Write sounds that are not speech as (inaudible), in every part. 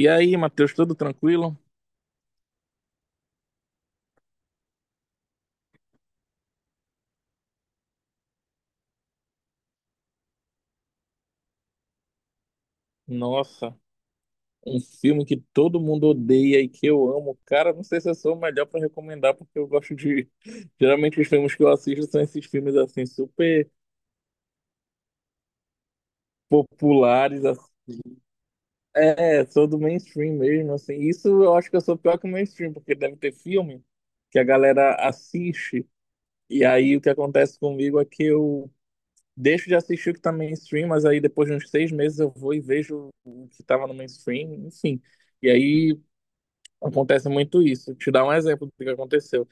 E aí, Matheus, tudo tranquilo? Nossa, um filme que todo mundo odeia e que eu amo. Cara, não sei se eu sou o melhor pra recomendar, porque eu gosto de. (laughs) Geralmente os filmes que eu assisto são esses filmes assim, super populares, assim. É, sou do mainstream mesmo, assim. Isso eu acho que eu sou pior que o mainstream, porque deve ter filme que a galera assiste. E aí o que acontece comigo é que eu deixo de assistir o que tá mainstream, mas aí depois de uns 6 meses eu vou e vejo o que tava no mainstream, enfim. E aí acontece muito isso. Te dar um exemplo do que aconteceu.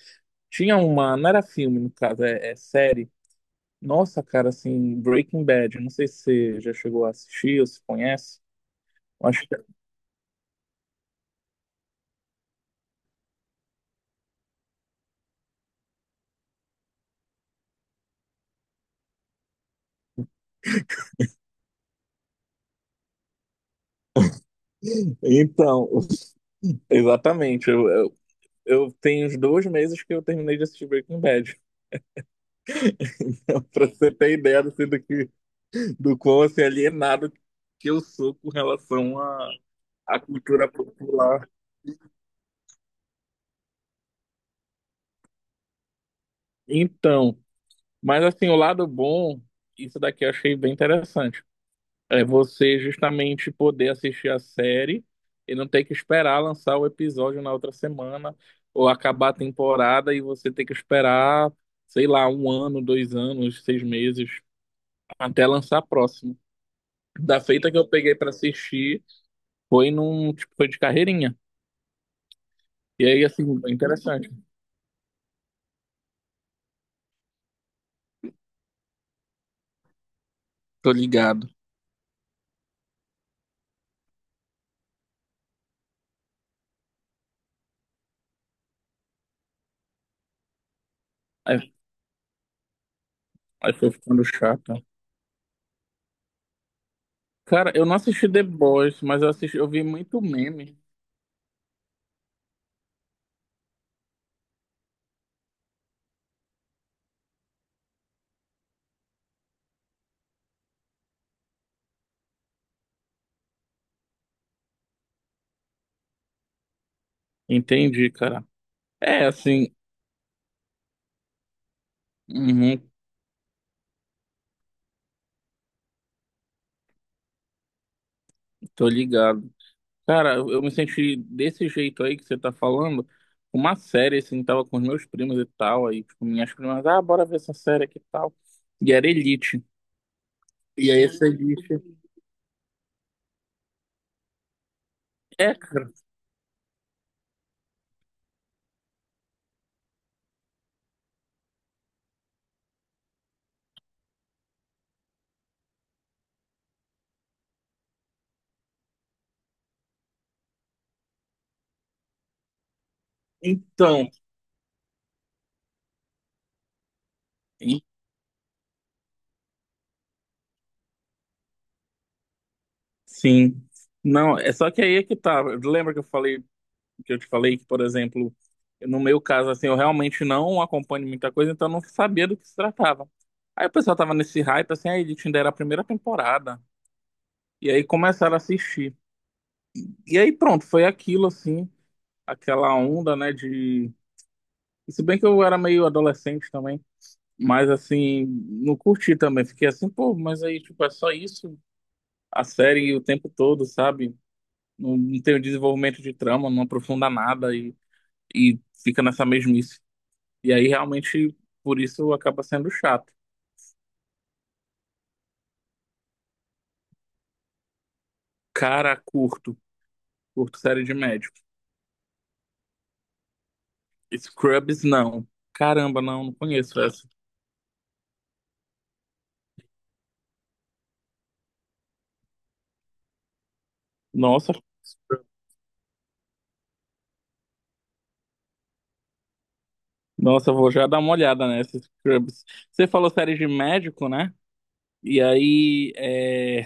Tinha uma, não era filme, no caso, é série. Nossa, cara, assim, Breaking Bad. Não sei se você já chegou a assistir ou se conhece. Acho que... (clears throat) (laughs) Então, (laughs) exatamente. Eu tenho uns 2 meses que eu terminei de assistir Breaking Bad. (laughs) Pra você ter ideia assim, do que, do quão assim, alienado que eu sou com relação à cultura popular. Então, mas assim, o lado bom, isso daqui eu achei bem interessante. É você justamente poder assistir a série e não ter que esperar lançar o episódio na outra semana ou acabar a temporada e você ter que esperar, sei lá, um ano, 2 anos, 6 meses até lançar a próxima. Da feita que eu peguei pra assistir foi num tipo foi de carreirinha. E aí assim, é interessante. Tô ligado. Aí, aí, foi ficando chato. Cara, eu não assisti The Boys, mas eu assisti, eu vi muito meme. Entendi, cara. É assim, uhum, tô ligado. Cara, eu me senti desse jeito aí que você tá falando. Uma série, assim, tava com os meus primos e tal. Aí, tipo, minhas primas, ah, bora ver essa série aqui e tal. E era Elite. E aí, essa Elite. É, cara. Então, e- sim. Não, é só que aí é que tá. Lembra que eu te falei que, por exemplo, no meu caso, assim, eu realmente não acompanho muita coisa, então eu não sabia do que se tratava. Aí o pessoal tava nesse hype, assim, a Elite ainda era a primeira temporada. E aí começaram a assistir. E aí pronto, foi aquilo assim, aquela onda, né, de... e se bem que eu era meio adolescente também, mas assim, não curti também. Fiquei assim, pô, mas aí, tipo, é só isso? A série o tempo todo, sabe? Não, não tem o desenvolvimento de trama, não aprofunda nada e fica nessa mesmice. E aí realmente, por isso acaba sendo chato. Cara, curto. Curto série de médico. Scrubs, não. Caramba, não, não conheço essa. Nossa, nossa, eu vou já dar uma olhada nessa Scrubs. Você falou série de médico, né? E aí,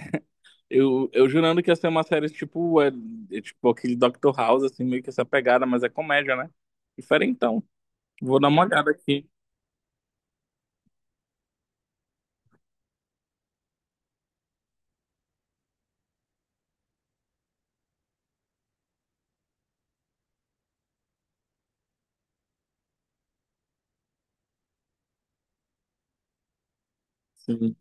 eu jurando que ia ser uma série tipo, é tipo aquele Doctor House, assim, meio que essa pegada, mas é comédia, né? Diferentão. Vou dar uma olhada aqui. Sim.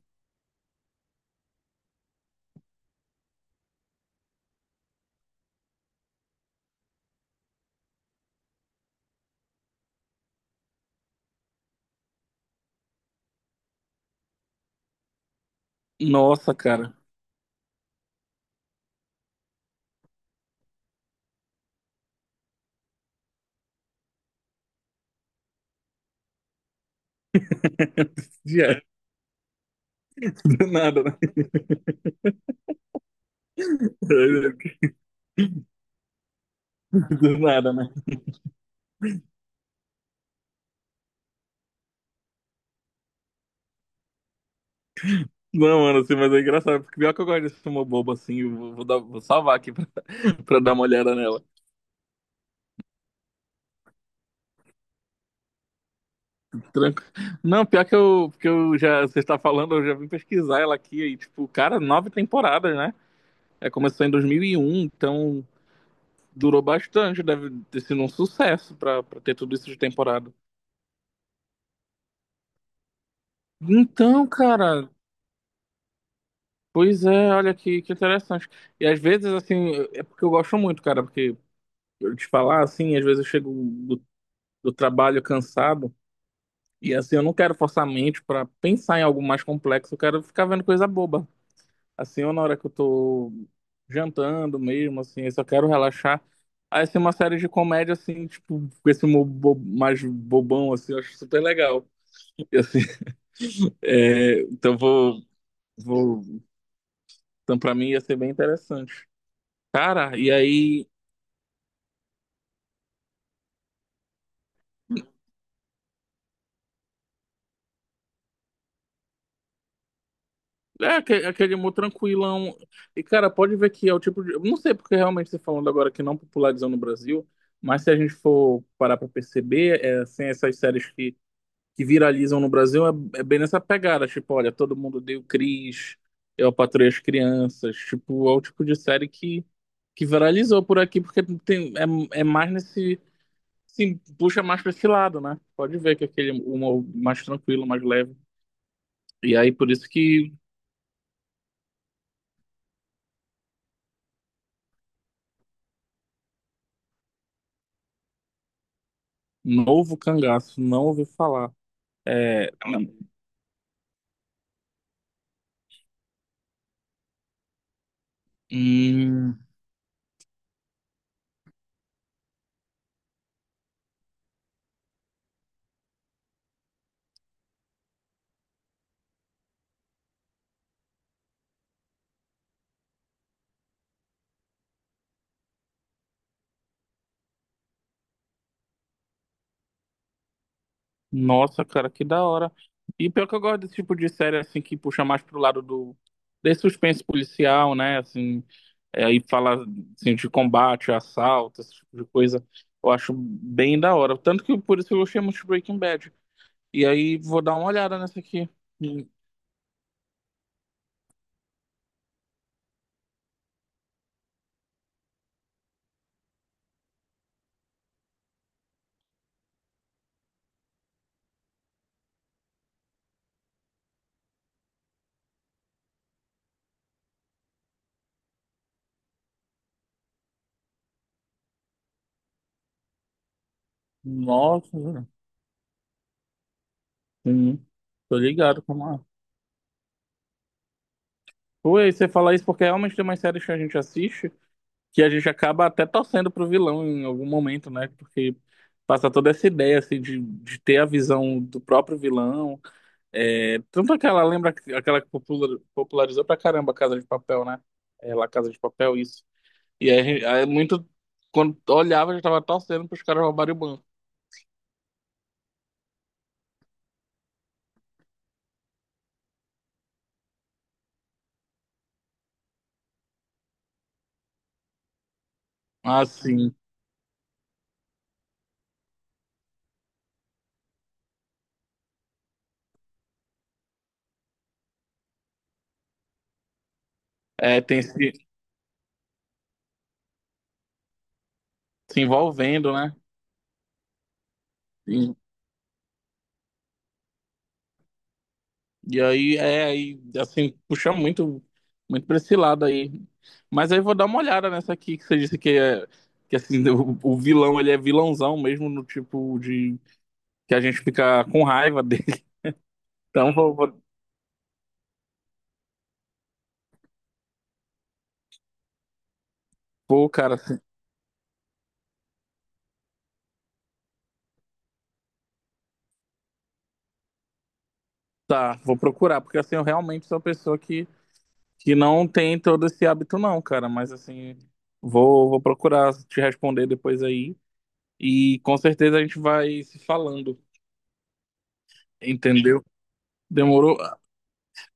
Nossa, cara. (laughs) Yeah, do nada, né? Do nada, né? Não, mano, assim, mas é engraçado, porque pior que eu gosto desse filme bobo, assim, eu vou salvar aqui pra, (laughs) pra dar uma olhada nela. Tranquilo. Não, pior que eu já, você está falando, eu já vim pesquisar ela aqui, e tipo, cara, 9 temporadas, né? É, começou em 2001, então durou bastante, deve ter sido um sucesso pra, ter tudo isso de temporada. Então, cara, pois é, olha que interessante. E às vezes, assim, é porque eu gosto muito, cara, porque eu te falar, assim, às vezes eu chego do trabalho cansado, e assim, eu não quero forçar a mente pra pensar em algo mais complexo, eu quero ficar vendo coisa boba. Assim, ou na hora que eu tô jantando mesmo, assim, eu só quero relaxar. Aí, assim, uma série de comédia, assim, tipo, com esse humor mais bobão, assim, eu acho super legal. E, assim, (laughs) é, então vou... Então, pra mim ia ser bem interessante. Cara, e aí... É, aquele humor tranquilão. E, cara, pode ver que é o tipo de. Eu não sei porque realmente você falando agora que não popularizou no Brasil, mas se a gente for parar pra perceber, é, assim, essas séries que viralizam no Brasil é bem nessa pegada. Tipo, olha, Todo Mundo Odeia o Chris, eu patroei as crianças. Tipo, é o tipo de série que viralizou por aqui, porque tem, é mais nesse. Sim, puxa mais pra esse lado, né? Pode ver que é aquele humor mais tranquilo, mais leve. E aí, por isso que Novo Cangaço, não ouvi falar. É, hum, nossa, cara, que da hora. E pior que eu gosto desse tipo de série, assim, que puxa mais pro lado do... Desse suspense policial, né? Assim, e fala, assim, de combate, assalto, esse tipo de coisa. Eu acho bem da hora. Tanto que por isso eu gostei muito de Breaking Bad. E aí vou dar uma olhada nessa aqui. Hum, nossa, cara. Sim, tô ligado como é. Pô, e você fala isso porque realmente tem umas séries que a gente assiste que a gente acaba até torcendo pro vilão em algum momento, né? Porque passa toda essa ideia assim de ter a visão do próprio vilão. É, tanto aquela, lembra aquela que popularizou pra caramba a Casa de Papel, né? É, lá Casa de Papel, isso. E aí, aí muito quando olhava, já tava torcendo pros caras roubarem o banco. Assim, é, tem se envolvendo, né? E aí, aí, assim, puxa muito, muito pra esse lado aí. Mas aí eu vou dar uma olhada nessa aqui que você disse que é, que assim, (laughs) o vilão, ele é vilãozão mesmo, no tipo de, que a gente fica com raiva (laughs) dele. Então, vou, cara, assim, tá, vou procurar, porque assim, eu realmente sou uma pessoa que não tem todo esse hábito não, cara, mas assim, vou procurar te responder depois aí. E com certeza a gente vai se falando, entendeu? Demorou?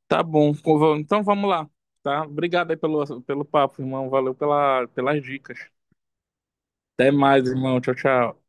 Tá bom. Então vamos lá, tá? Obrigado aí pelo papo, irmão. Valeu pelas dicas. Até mais, irmão. Tchau, tchau.